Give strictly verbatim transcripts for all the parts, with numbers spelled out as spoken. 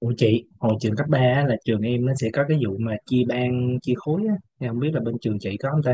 Ủa chị, hồi trường cấp ba á, là trường em nó sẽ có cái vụ mà chia ban, chia khối á. Em không biết là bên trường chị có không ta?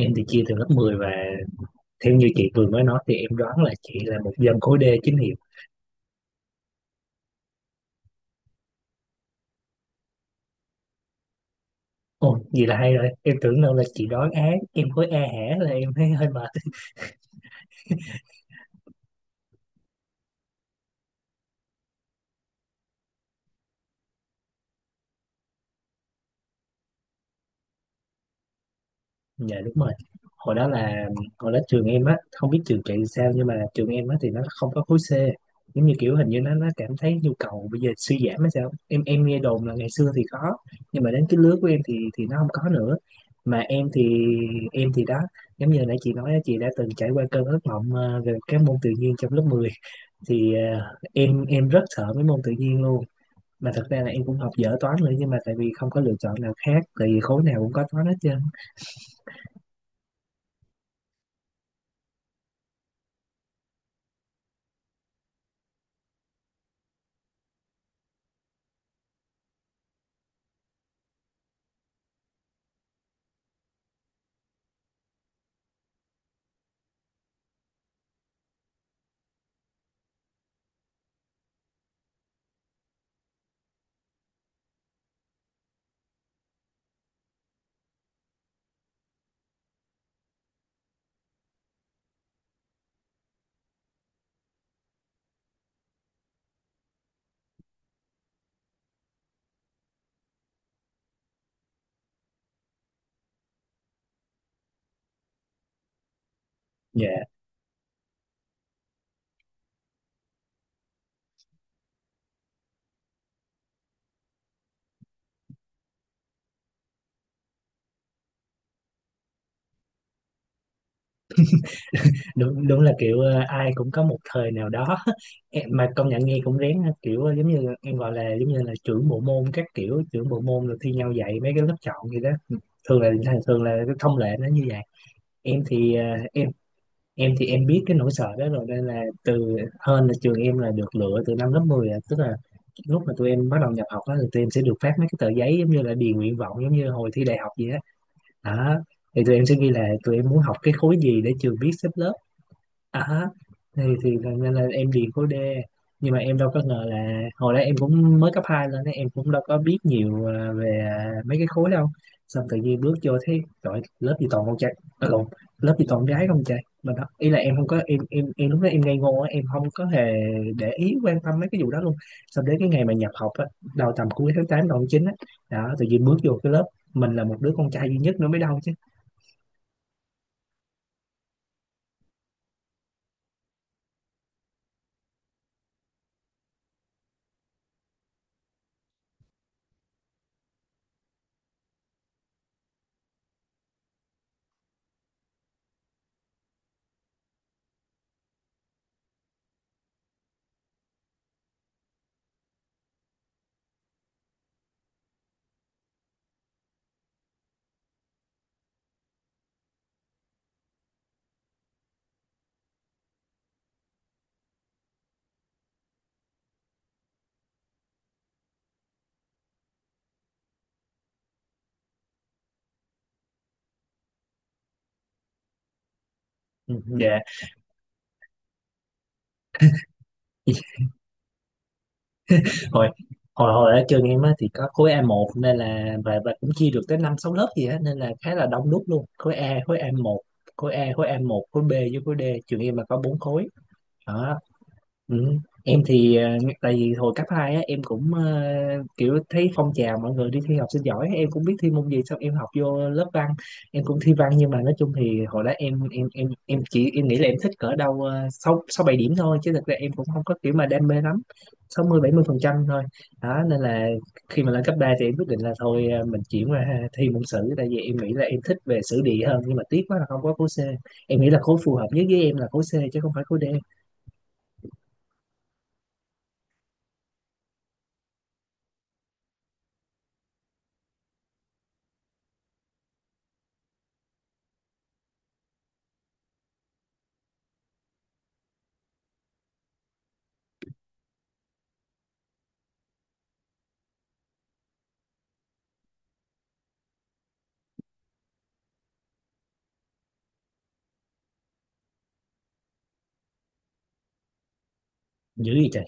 Em thì chia từ lớp mười và theo như chị vừa mới nói thì em đoán là chị là một dân khối D chính hiệu. Ồ, vậy là hay rồi. Em tưởng đâu là chị đoán á, em khối A hả là em thấy hơi mệt. Dạ đúng rồi. Hồi đó là hồi đó trường em á, không biết trường chị sao nhưng mà trường em á thì nó không có khối C. Giống như kiểu hình như nó nó cảm thấy nhu cầu bây giờ suy giảm hay sao. Em em nghe đồn là ngày xưa thì có nhưng mà đến cái lứa của em thì thì nó không có nữa. Mà em thì em thì đó, giống như hồi nãy chị nói á, chị đã từng trải qua cơn ác mộng ờ, về các môn tự nhiên trong lớp mười thì ờ, em em rất sợ mấy môn tự nhiên luôn. Mà thật ra là em cũng học dở toán nữa nhưng mà tại vì không có lựa chọn nào khác tại vì khối nào cũng có toán hết trơn. Dạ đúng, đúng là kiểu ờ, ai cũng có một thời nào đó em mà công nhận nghe cũng rén ha. Kiểu ờ, giống như em gọi là giống như là trưởng bộ môn các kiểu trưởng bộ môn rồi thi nhau dạy mấy cái lớp chọn gì đó, thường là thường là cái thông lệ nó như vậy. Em thì ờ, em em thì em biết cái nỗi sợ đó rồi nên là từ hơn là trường em là được lựa từ năm lớp mười à. Tức là lúc mà tụi em bắt đầu nhập học đó, thì tụi em sẽ được phát mấy cái tờ giấy giống như là điền nguyện vọng giống như hồi thi đại học vậy á, đó. Thì tụi em sẽ ghi là tụi em muốn học cái khối gì để trường biết xếp lớp. À, thì thì là- nên là em điền khối D, nhưng mà em đâu có ngờ là hồi đó em cũng mới cấp hai lên ấy, em cũng đâu có biết nhiều à, về à, mấy cái khối đâu. Xong tự nhiên bước vô thấy trời, lớp gì toàn con trai, à, lộn, lớp gì toàn gái không trời. Mà đó ý là em không có em em em lúc đó em ngây ngô á, em không có hề để ý quan tâm mấy cái vụ đó luôn. Xong đến cái ngày mà nhập học á, đầu tầm cuối tháng tám đầu tháng chín á, đó tự nhiên bước vô cái lớp mình là một đứa con trai duy nhất nữa mới đâu chứ. Ừ, dạ. Hồi hồi hồi ở trường em á thì có khối a một nên là và và cũng chia được tới năm sáu lớp gì á nên là khá là đông đúc luôn. Khối A khối a một khối A khối a một khối B với khối D, trường em là có bốn khối. Đó. Ừ. Em thì ờ, tại vì hồi cấp hai á em cũng ờ, kiểu thấy phong trào mọi người đi thi học sinh giỏi em cũng biết thi môn gì, xong em học vô lớp văn em cũng thi văn. Nhưng mà nói chung thì hồi đó em em em em chỉ em nghĩ là em thích cỡ đâu ờ, sáu, sáu bảy điểm thôi chứ thực ra em cũng không có kiểu mà đam mê lắm, sáu mươi bảy mươi phần trăm thôi. Đó nên là khi mà lên cấp ba thì em quyết định là thôi, ờ, mình chuyển qua thi môn sử tại vì em nghĩ là em thích về sử địa hơn, nhưng mà tiếc quá là không có khối C. Em nghĩ là khối phù hợp nhất với em là khối C chứ không phải khối D. Dữ vậy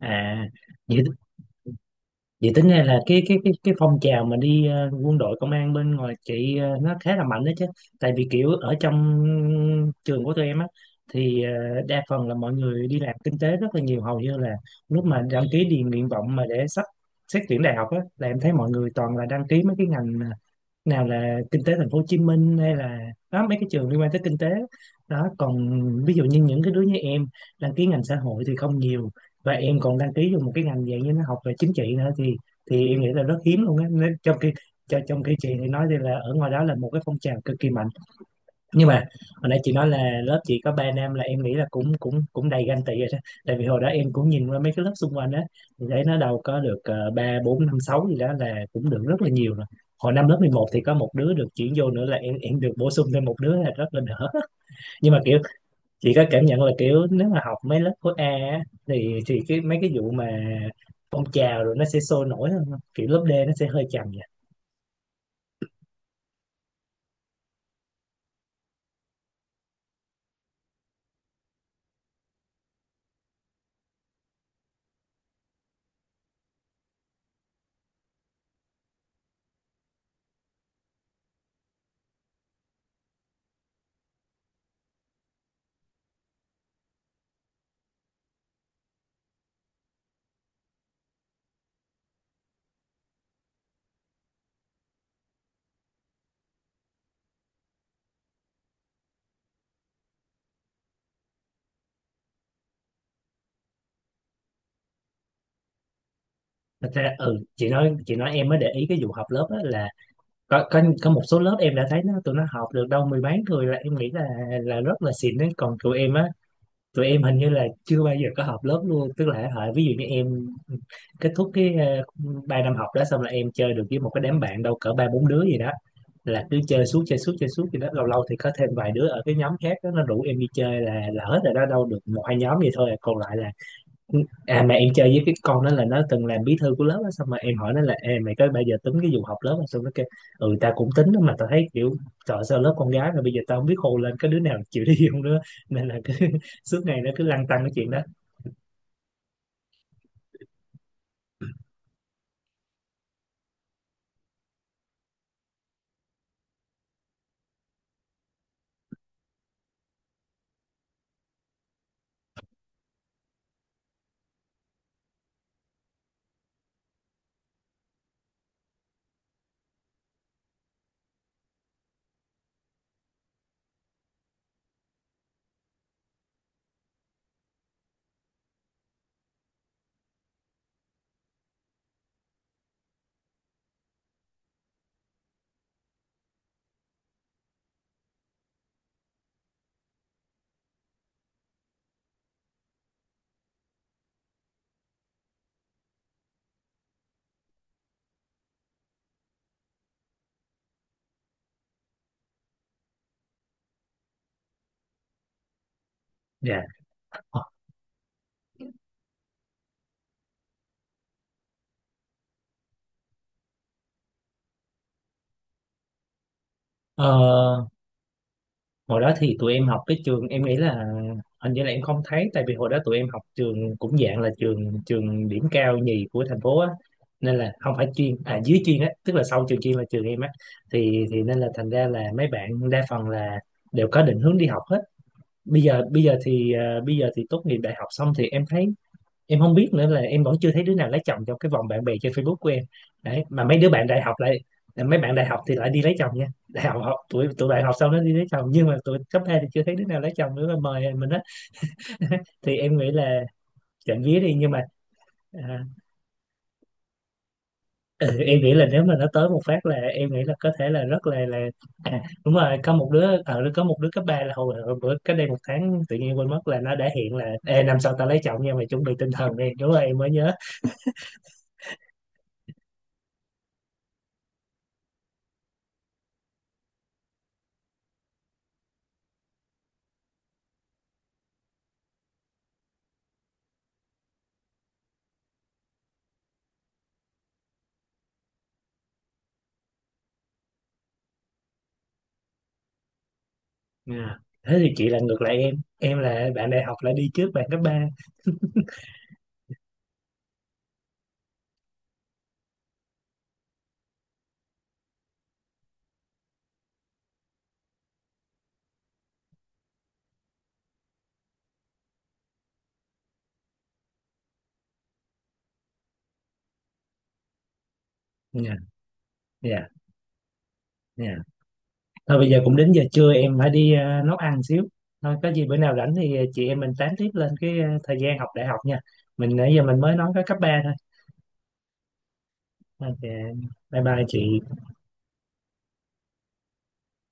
à? Vậy, vậy tính ra là cái cái cái cái phong trào mà đi ờ, quân đội công an bên ngoài chị ờ, nó khá là mạnh đó chứ. Tại vì kiểu ở trong trường của tụi em á thì ờ, đa phần là mọi người đi làm kinh tế rất là nhiều, hầu như là lúc mà đăng ký điền nguyện vọng mà để sắp xét tuyển đại học á là em thấy mọi người toàn là đăng ký mấy cái ngành ờ, nào là kinh tế thành phố Hồ Chí Minh hay là đó mấy cái trường liên quan tới kinh tế đó. Còn ví dụ như những cái đứa như em đăng ký ngành xã hội thì không nhiều, và em còn đăng ký vô một cái ngành dạng như nó học về chính trị nữa thì thì em nghĩ là rất hiếm luôn á. Nên trong khi cho- trong khi chị thì nói thì là ở ngoài đó là một cái phong trào cực kỳ mạnh, nhưng mà hồi nãy chị nói là lớp chị có ba nam là em nghĩ là cũng cũng cũng đầy ganh tị rồi đó. Tại vì hồi đó em cũng nhìn qua mấy cái lớp xung quanh á thì thấy nó đâu có được ờ, ba bốn năm sáu gì đó là cũng được rất là nhiều rồi. Hồi năm lớp mười một thì có một đứa được chuyển vô nữa là em em được bổ sung thêm một đứa là rất là đỡ. Nhưng mà kiểu chị có cảm nhận là kiểu nếu mà học mấy lớp khối A á, thì thì cái mấy cái vụ mà phong trào rồi nó sẽ sôi nổi hơn không? Kiểu lớp D nó sẽ hơi chậm vậy. Thật ra ừ, chị nói chị nói em mới để ý cái vụ học lớp á, là có, có có một số lớp em đã thấy nó tụi nó học được đâu mười mấy người là em nghĩ là là rất là xịn đấy. Còn tụi em á, tụi em hình như là chưa bao giờ có học lớp luôn, tức là hả, ví dụ như em kết thúc cái ờ, ba năm học đó xong là em chơi được với một cái đám bạn đâu cỡ ba bốn đứa gì đó, là cứ chơi suốt chơi suốt chơi suốt gì đó. Lâu lâu thì có thêm vài đứa ở cái nhóm khác đó, nó rủ em đi chơi là là hết rồi đó, đâu được một hai nhóm gì thôi à. Còn lại là à, mà em chơi với cái con đó là nó từng làm bí thư của lớp á, xong mà em hỏi nó là "Ê, mày có bao giờ tính cái vụ học lớp không?" xong nó kêu ừ tao cũng tính đó, mà tao thấy kiểu trời ơi, sao lớp con gái mà bây giờ tao không biết khô lên có đứa nào chịu đi không nữa. Nên là cứ suốt ngày nó cứ lăn tăn cái chuyện đó. Dạ. Ờ, hồi đó thì tụi em học cái trường em nghĩ là hình như là em không thấy, tại vì hồi đó tụi em học trường cũng dạng là trường trường điểm cao nhì của thành phố á, nên là không phải chuyên à, dưới chuyên á, tức là sau trường chuyên là trường em á. Thì thì nên là thành ra là mấy bạn đa phần là đều có định hướng đi học hết. Bây giờ bây giờ thì à, bây giờ thì tốt nghiệp đại học xong thì em thấy em không biết nữa, là em vẫn chưa thấy đứa nào lấy chồng trong cái vòng bạn bè trên Facebook của em đấy. Mà mấy đứa bạn đại học lại mấy bạn đại học thì lại đi lấy chồng nha, đại học học tụi tụi bạn học xong nó đi lấy chồng, nhưng mà tụi cấp hai thì chưa thấy đứa nào lấy chồng nữa mà mời mình đó. Thì em nghĩ là trộm vía đi nhưng mà à, ừ, em nghĩ là nếu mà nó tới một phát là em nghĩ là có thể là rất là là à, đúng rồi, có một đứa ở có một đứa cấp ba là hồi, hồi bữa cách đây một tháng tự nhiên quên mất là nó đã hiện là "Ê, năm sau tao lấy chồng nha, mày chuẩn bị tinh thần đi," đúng rồi em mới nhớ. Dạ. Thế thì chị là ngược lại em em là bạn đại học lại đi trước bạn cấp ba. Dạ. Dạ dạ thôi bây giờ cũng đến giờ trưa em phải đi ờ, nấu ăn xíu. Thôi có gì bữa nào rảnh thì ờ, chị em mình tán tiếp lên cái ờ, thời gian học đại học nha, mình nãy giờ mình mới nói có cấp ba thôi. Thôi thì, ờ, dạ. Bye bye chị.